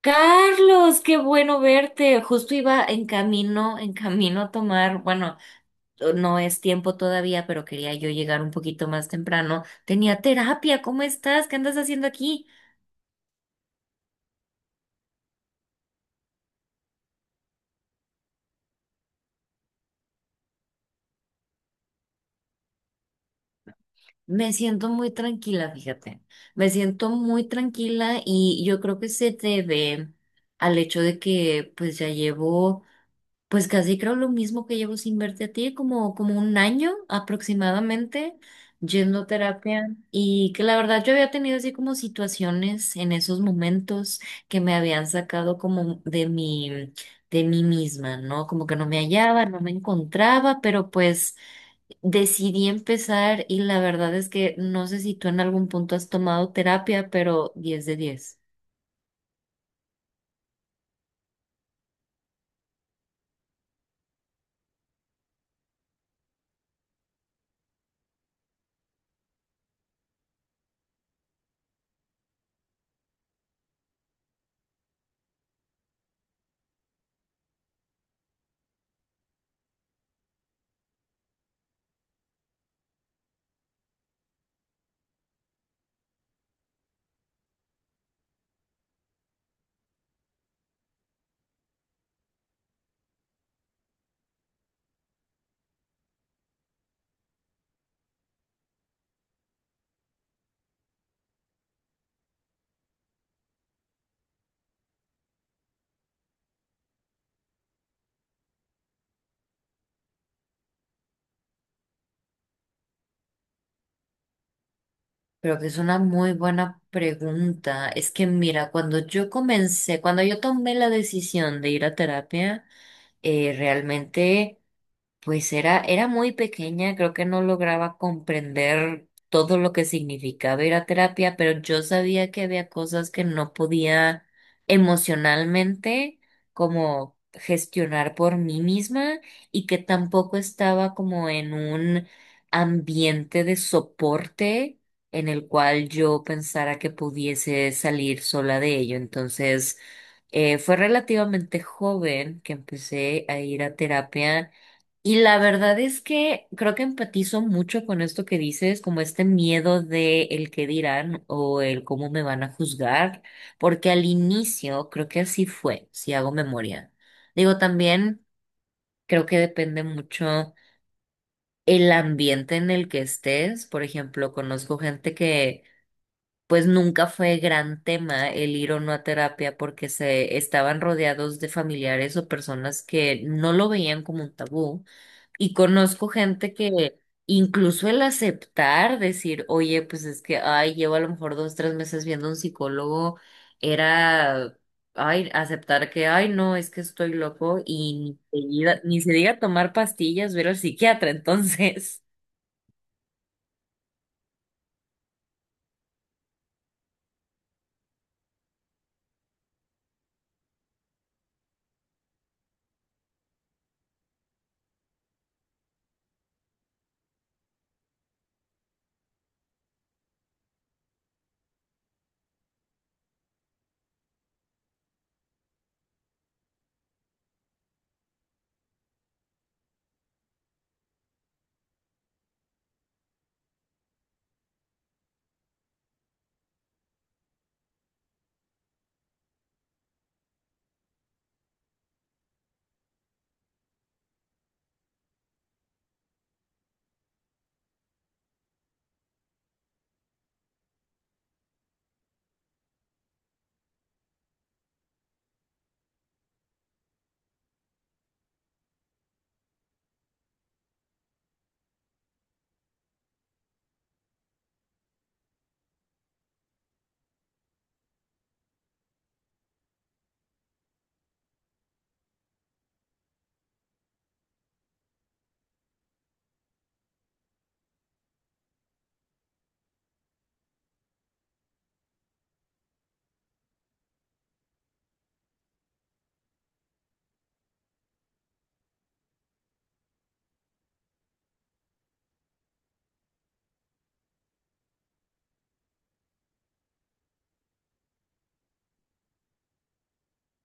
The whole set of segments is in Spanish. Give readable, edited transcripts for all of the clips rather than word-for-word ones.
Carlos, qué bueno verte. Justo iba en camino a tomar, bueno, no es tiempo todavía, pero quería yo llegar un poquito más temprano. Tenía terapia, ¿cómo estás? ¿Qué andas haciendo aquí? Me siento muy tranquila, fíjate. Me siento muy tranquila y yo creo que se debe al hecho de que pues ya llevo. Pues casi creo lo mismo que llevo sin verte a ti, como, como un año aproximadamente yendo a terapia y que la verdad yo había tenido así como situaciones en esos momentos que me habían sacado como de mi, de mí misma, ¿no? Como que no me hallaba, no me encontraba, pero pues decidí empezar y la verdad es que no sé si tú en algún punto has tomado terapia, pero 10 de 10. Pero que es una muy buena pregunta. Es que mira, cuando yo comencé, cuando yo tomé la decisión de ir a terapia, realmente... Pues era, era muy pequeña, creo que no lograba comprender todo lo que significaba ir a terapia, pero yo sabía que había cosas que no podía emocionalmente como gestionar por mí misma y que tampoco estaba como en un ambiente de soporte en el cual yo pensara que pudiese salir sola de ello. Entonces, fue relativamente joven que empecé a ir a terapia y la verdad es que creo que empatizo mucho con esto que dices, como este miedo de el qué dirán o el cómo me van a juzgar, porque al inicio creo que así fue, si hago memoria. Digo, también creo que depende mucho el ambiente en el que estés. Por ejemplo, conozco gente que pues nunca fue gran tema el ir o no a terapia porque se estaban rodeados de familiares o personas que no lo veían como un tabú. Y conozco gente que incluso el aceptar, decir, oye, pues es que, ay, llevo a lo mejor 2, 3 meses viendo a un psicólogo, era, ay, aceptar que, ay, no, es que estoy loco y ni se diga, ni se diga tomar pastillas, ver al psiquiatra, entonces.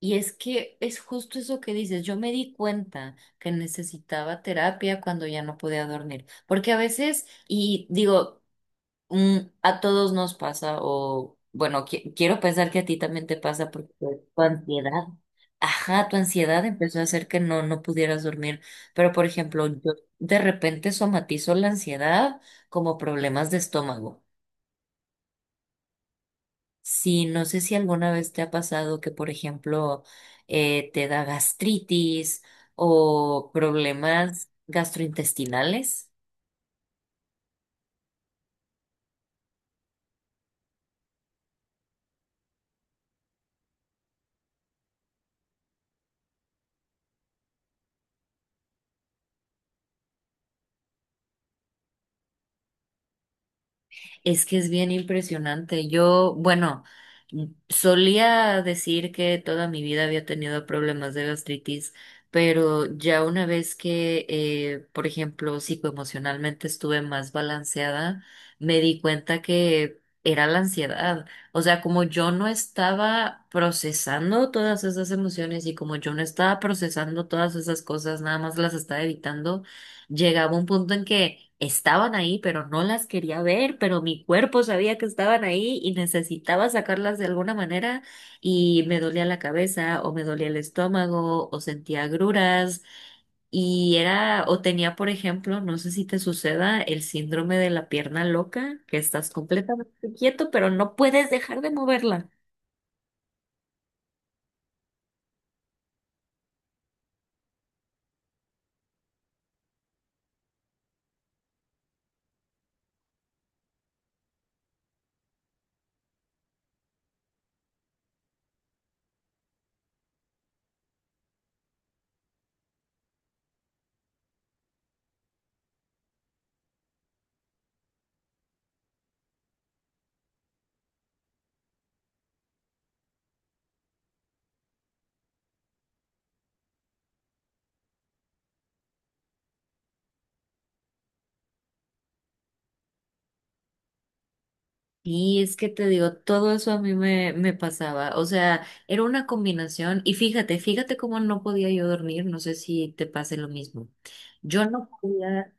Y es que es justo eso que dices. Yo me di cuenta que necesitaba terapia cuando ya no podía dormir, porque a veces, y digo, a todos nos pasa, o bueno, quiero pensar que a ti también te pasa porque tu ansiedad, ajá, tu ansiedad empezó a hacer que no, no pudieras dormir. Pero, por ejemplo, yo de repente somatizo la ansiedad como problemas de estómago. Sí, no sé si alguna vez te ha pasado que, por ejemplo, te da gastritis o problemas gastrointestinales. Es que es bien impresionante. Yo, bueno, solía decir que toda mi vida había tenido problemas de gastritis, pero ya una vez que, por ejemplo, psicoemocionalmente estuve más balanceada, me di cuenta que era la ansiedad. O sea, como yo no estaba procesando todas esas emociones y como yo no estaba procesando todas esas cosas, nada más las estaba evitando. Llegaba un punto en que estaban ahí, pero no las quería ver, pero mi cuerpo sabía que estaban ahí y necesitaba sacarlas de alguna manera y me dolía la cabeza o me dolía el estómago o sentía agruras y era o tenía, por ejemplo, no sé si te suceda el síndrome de la pierna loca, que estás completamente quieto, pero no puedes dejar de moverla. Y es que te digo, todo eso a mí me pasaba. O sea, era una combinación. Y fíjate, fíjate cómo no podía yo dormir. No sé si te pase lo mismo. Yo no podía,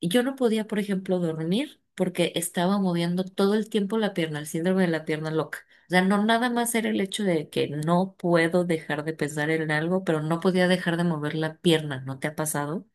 yo no podía, por ejemplo, dormir porque estaba moviendo todo el tiempo la pierna, el síndrome de la pierna loca. O sea, no nada más era el hecho de que no puedo dejar de pensar en algo, pero no podía dejar de mover la pierna. ¿No te ha pasado?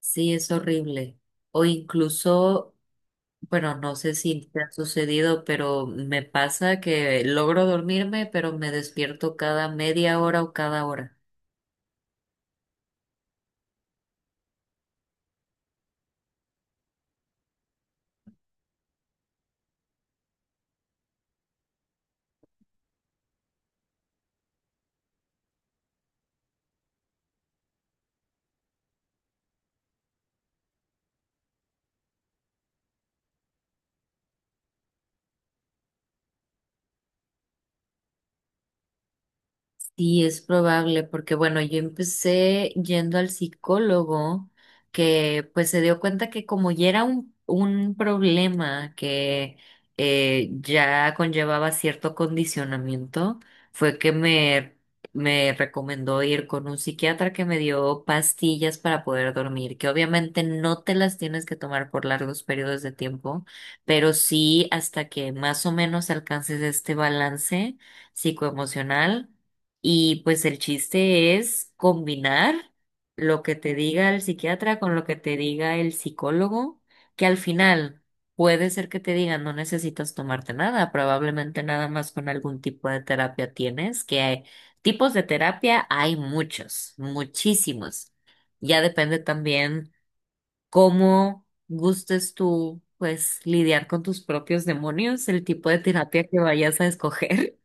Sí, es horrible. O incluso, bueno, no sé si te ha sucedido, pero me pasa que logro dormirme, pero me despierto cada media hora o cada hora. Sí, es probable, porque bueno, yo empecé yendo al psicólogo que pues se dio cuenta que como ya era un problema que ya conllevaba cierto condicionamiento, fue que me recomendó ir con un psiquiatra que me dio pastillas para poder dormir, que obviamente no te las tienes que tomar por largos periodos de tiempo, pero sí hasta que más o menos alcances este balance psicoemocional y pues el chiste es combinar lo que te diga el psiquiatra con lo que te diga el psicólogo, que al final puede ser que te digan no necesitas tomarte nada, probablemente nada más con algún tipo de terapia tienes, que hay tipos de terapia hay muchos, muchísimos. Ya depende también cómo gustes tú, pues, lidiar con tus propios demonios, el tipo de terapia que vayas a escoger.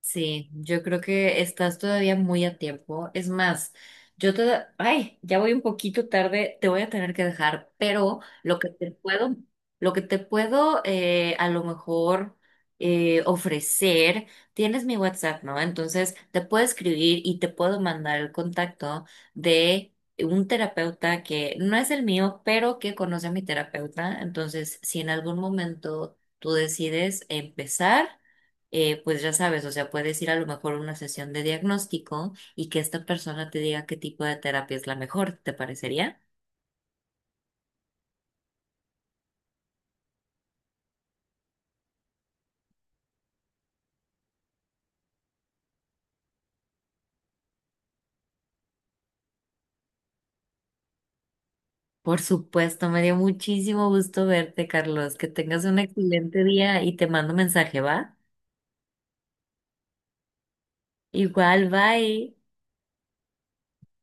Sí, yo creo que estás todavía muy a tiempo. Es más, yo te... Ay, ya voy un poquito tarde, te voy a tener que dejar, pero lo que te puedo a lo mejor ofrecer, tienes mi WhatsApp, ¿no? Entonces te puedo escribir y te puedo mandar el contacto de un terapeuta que no es el mío, pero que conoce a mi terapeuta. Entonces, si en algún momento tú decides empezar, pues ya sabes, o sea, puedes ir a lo mejor a una sesión de diagnóstico y que esta persona te diga qué tipo de terapia es la mejor, ¿te parecería? Por supuesto, me dio muchísimo gusto verte, Carlos. Que tengas un excelente día y te mando mensaje, ¿va? Igual, bye.